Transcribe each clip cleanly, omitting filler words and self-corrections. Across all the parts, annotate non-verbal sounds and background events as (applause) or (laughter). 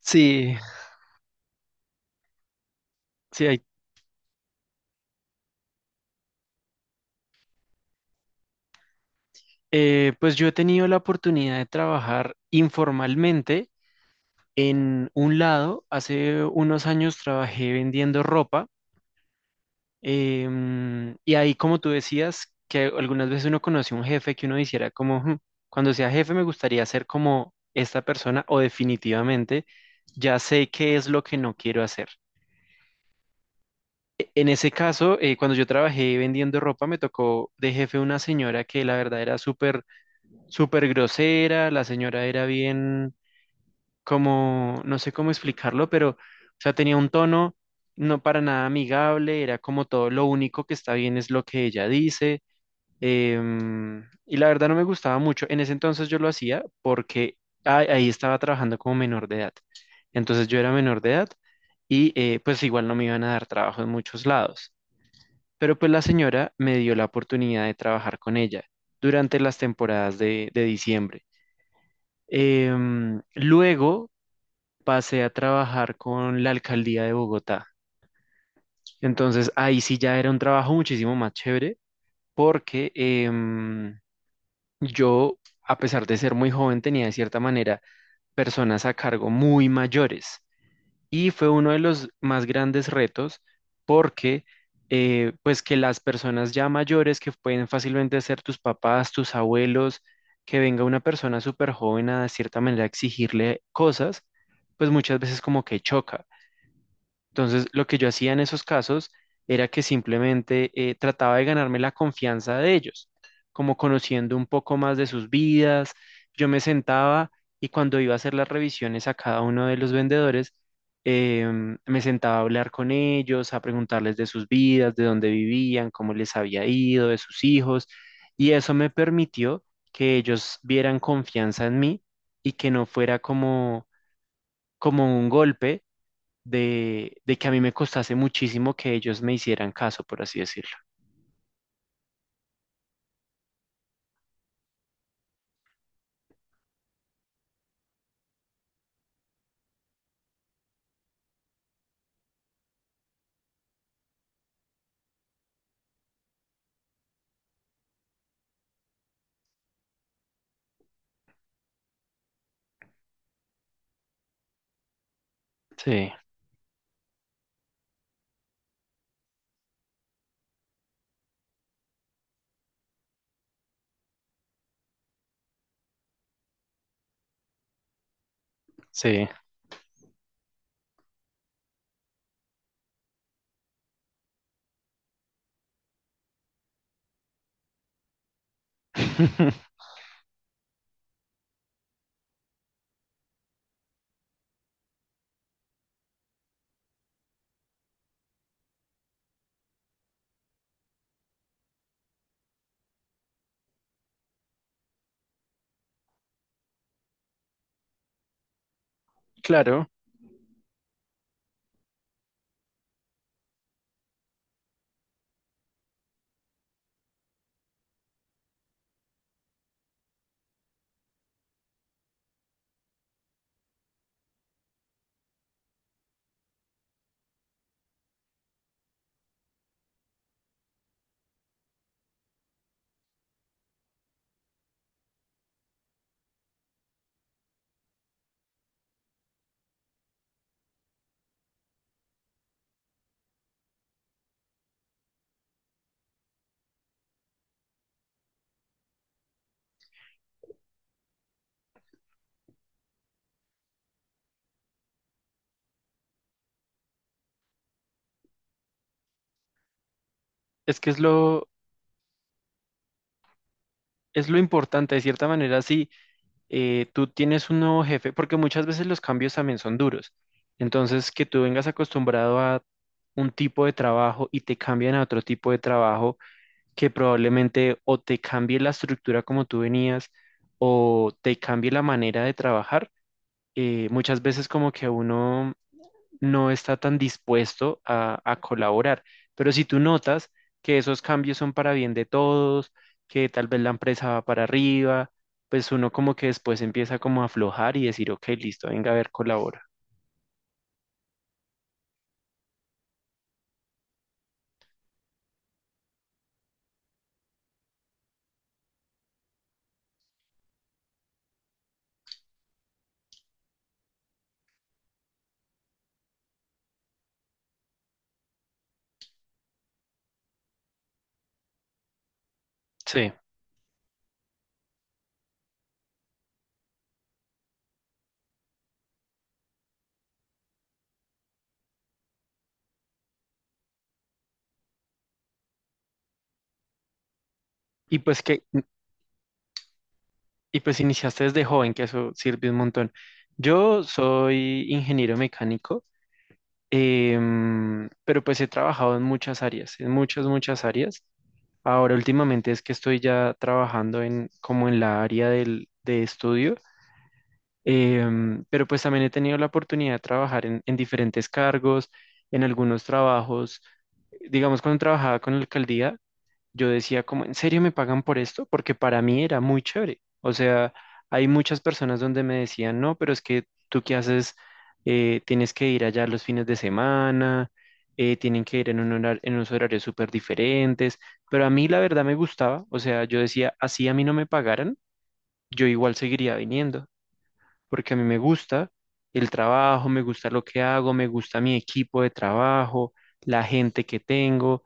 Sí, sí hay. Pues yo he tenido la oportunidad de trabajar informalmente en un lado. Hace unos años trabajé vendiendo ropa y ahí, como tú decías, que algunas veces uno conoce un jefe que uno hiciera como, "Hmm, cuando sea jefe me gustaría ser como esta persona o definitivamente ya sé qué es lo que no quiero hacer." En ese caso, cuando yo trabajé vendiendo ropa, me tocó de jefe una señora que la verdad era súper súper grosera. La señora era bien, como, no sé cómo explicarlo, pero, o sea, tenía un tono no para nada amigable, era como todo, lo único que está bien es lo que ella dice. Y la verdad no me gustaba mucho. En ese entonces yo lo hacía porque ahí estaba trabajando como menor de edad, entonces yo era menor de edad y pues igual no me iban a dar trabajo en muchos lados, pero pues la señora me dio la oportunidad de trabajar con ella durante las temporadas de diciembre. Luego pasé a trabajar con la alcaldía de Bogotá. Entonces ahí sí ya era un trabajo muchísimo más chévere porque yo, a pesar de ser muy joven, tenía de cierta manera personas a cargo muy mayores. Y fue uno de los más grandes retos porque, pues que las personas ya mayores, que pueden fácilmente ser tus papás, tus abuelos, que venga una persona súper joven a de cierta manera exigirle cosas, pues muchas veces como que choca. Entonces, lo que yo hacía en esos casos era que simplemente trataba de ganarme la confianza de ellos, como conociendo un poco más de sus vidas. Yo me sentaba y cuando iba a hacer las revisiones a cada uno de los vendedores, me sentaba a hablar con ellos, a preguntarles de sus vidas, de dónde vivían, cómo les había ido, de sus hijos. Y eso me permitió que ellos vieran confianza en mí y que no fuera como, como un golpe de que a mí me costase muchísimo que ellos me hicieran caso, por así decirlo. Sí, sí. (laughs) Claro, es que es lo importante, de cierta manera, si tú tienes un nuevo jefe, porque muchas veces los cambios también son duros. Entonces, que tú vengas acostumbrado a un tipo de trabajo y te cambian a otro tipo de trabajo, que probablemente o te cambie la estructura como tú venías o te cambie la manera de trabajar, muchas veces como que uno no está tan dispuesto a colaborar. Pero si tú notas que esos cambios son para bien de todos, que tal vez la empresa va para arriba, pues uno como que después empieza como a aflojar y decir, ok, listo, venga a ver, colabora. Sí. Y pues que, y pues iniciaste desde joven, que eso sirve un montón. Yo soy ingeniero mecánico. Pero pues he trabajado en muchas áreas, en muchas, muchas áreas. Ahora últimamente es que estoy ya trabajando en como en la área del, de estudio, pero pues también he tenido la oportunidad de trabajar en diferentes cargos, en algunos trabajos, digamos cuando trabajaba con la alcaldía, yo decía como, ¿en serio me pagan por esto? Porque para mí era muy chévere. O sea, hay muchas personas donde me decían, no, pero es que tú qué haces. Tienes que ir allá los fines de semana, tienen que ir en en unos horarios súper diferentes, pero a mí la verdad me gustaba. O sea, yo decía, así a mí no me pagaran, yo igual seguiría viniendo, porque a mí me gusta el trabajo, me gusta lo que hago, me gusta mi equipo de trabajo, la gente que tengo.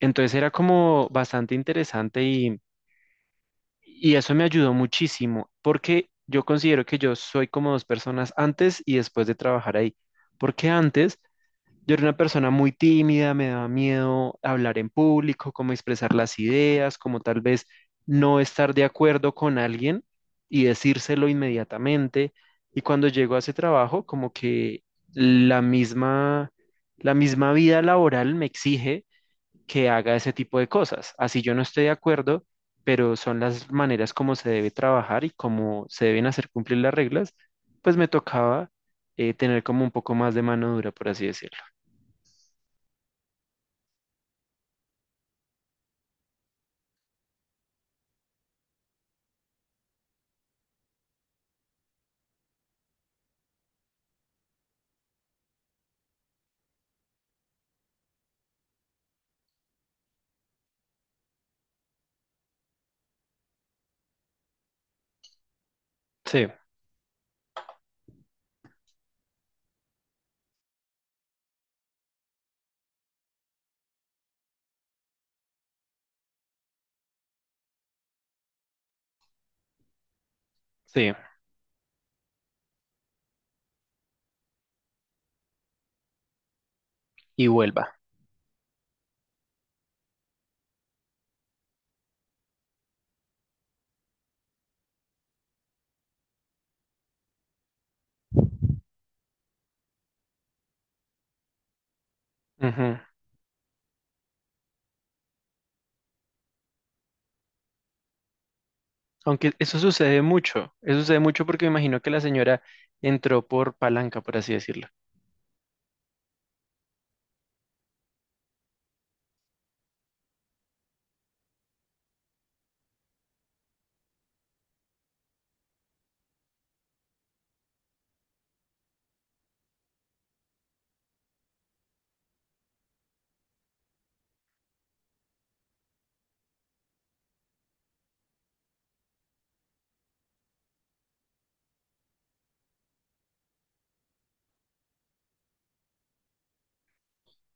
Entonces era como bastante interesante y eso me ayudó muchísimo porque yo considero que yo soy como dos personas antes y después de trabajar ahí. Porque antes yo era una persona muy tímida, me daba miedo hablar en público, cómo expresar las ideas, como tal vez no estar de acuerdo con alguien y decírselo inmediatamente. Y cuando llego a ese trabajo, como que la misma, la misma vida laboral me exige que haga ese tipo de cosas. Así yo no estoy de acuerdo, pero son las maneras como se debe trabajar y cómo se deben hacer cumplir las reglas, pues me tocaba tener como un poco más de mano dura, por así decirlo. Sí, sí, y vuelva. Ujú. Aunque eso sucede mucho porque me imagino que la señora entró por palanca, por así decirlo.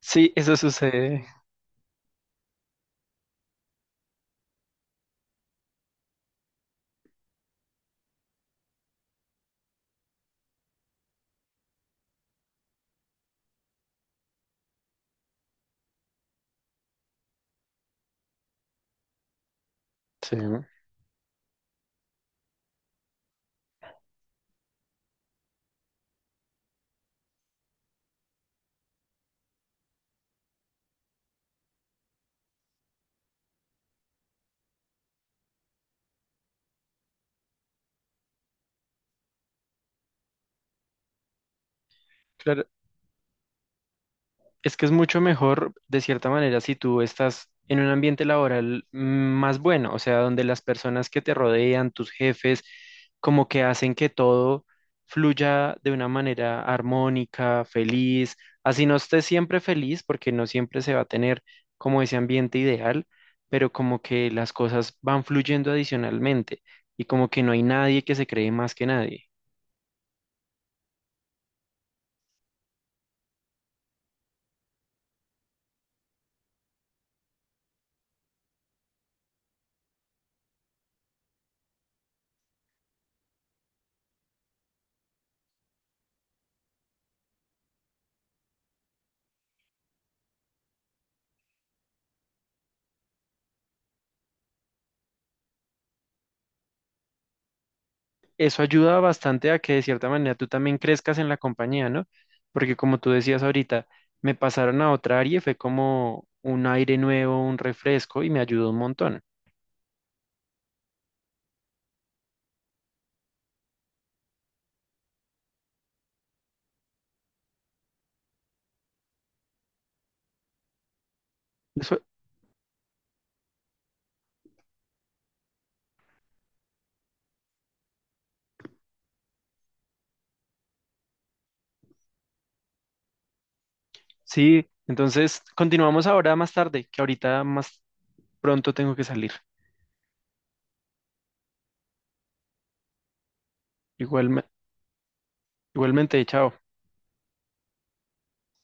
Sí, eso sucede. Sí, claro. Es que es mucho mejor, de cierta manera, si tú estás en un ambiente laboral más bueno, o sea, donde las personas que te rodean, tus jefes, como que hacen que todo fluya de una manera armónica, feliz, así no estés siempre feliz, porque no siempre se va a tener como ese ambiente ideal, pero como que las cosas van fluyendo adicionalmente y como que no hay nadie que se cree más que nadie. Eso ayuda bastante a que de cierta manera tú también crezcas en la compañía, ¿no? Porque como tú decías ahorita, me pasaron a otra área y fue como un aire nuevo, un refresco y me ayudó un montón. Eso, sí, entonces continuamos ahora más tarde, que ahorita más pronto tengo que salir. Igual, Igualmente, chao.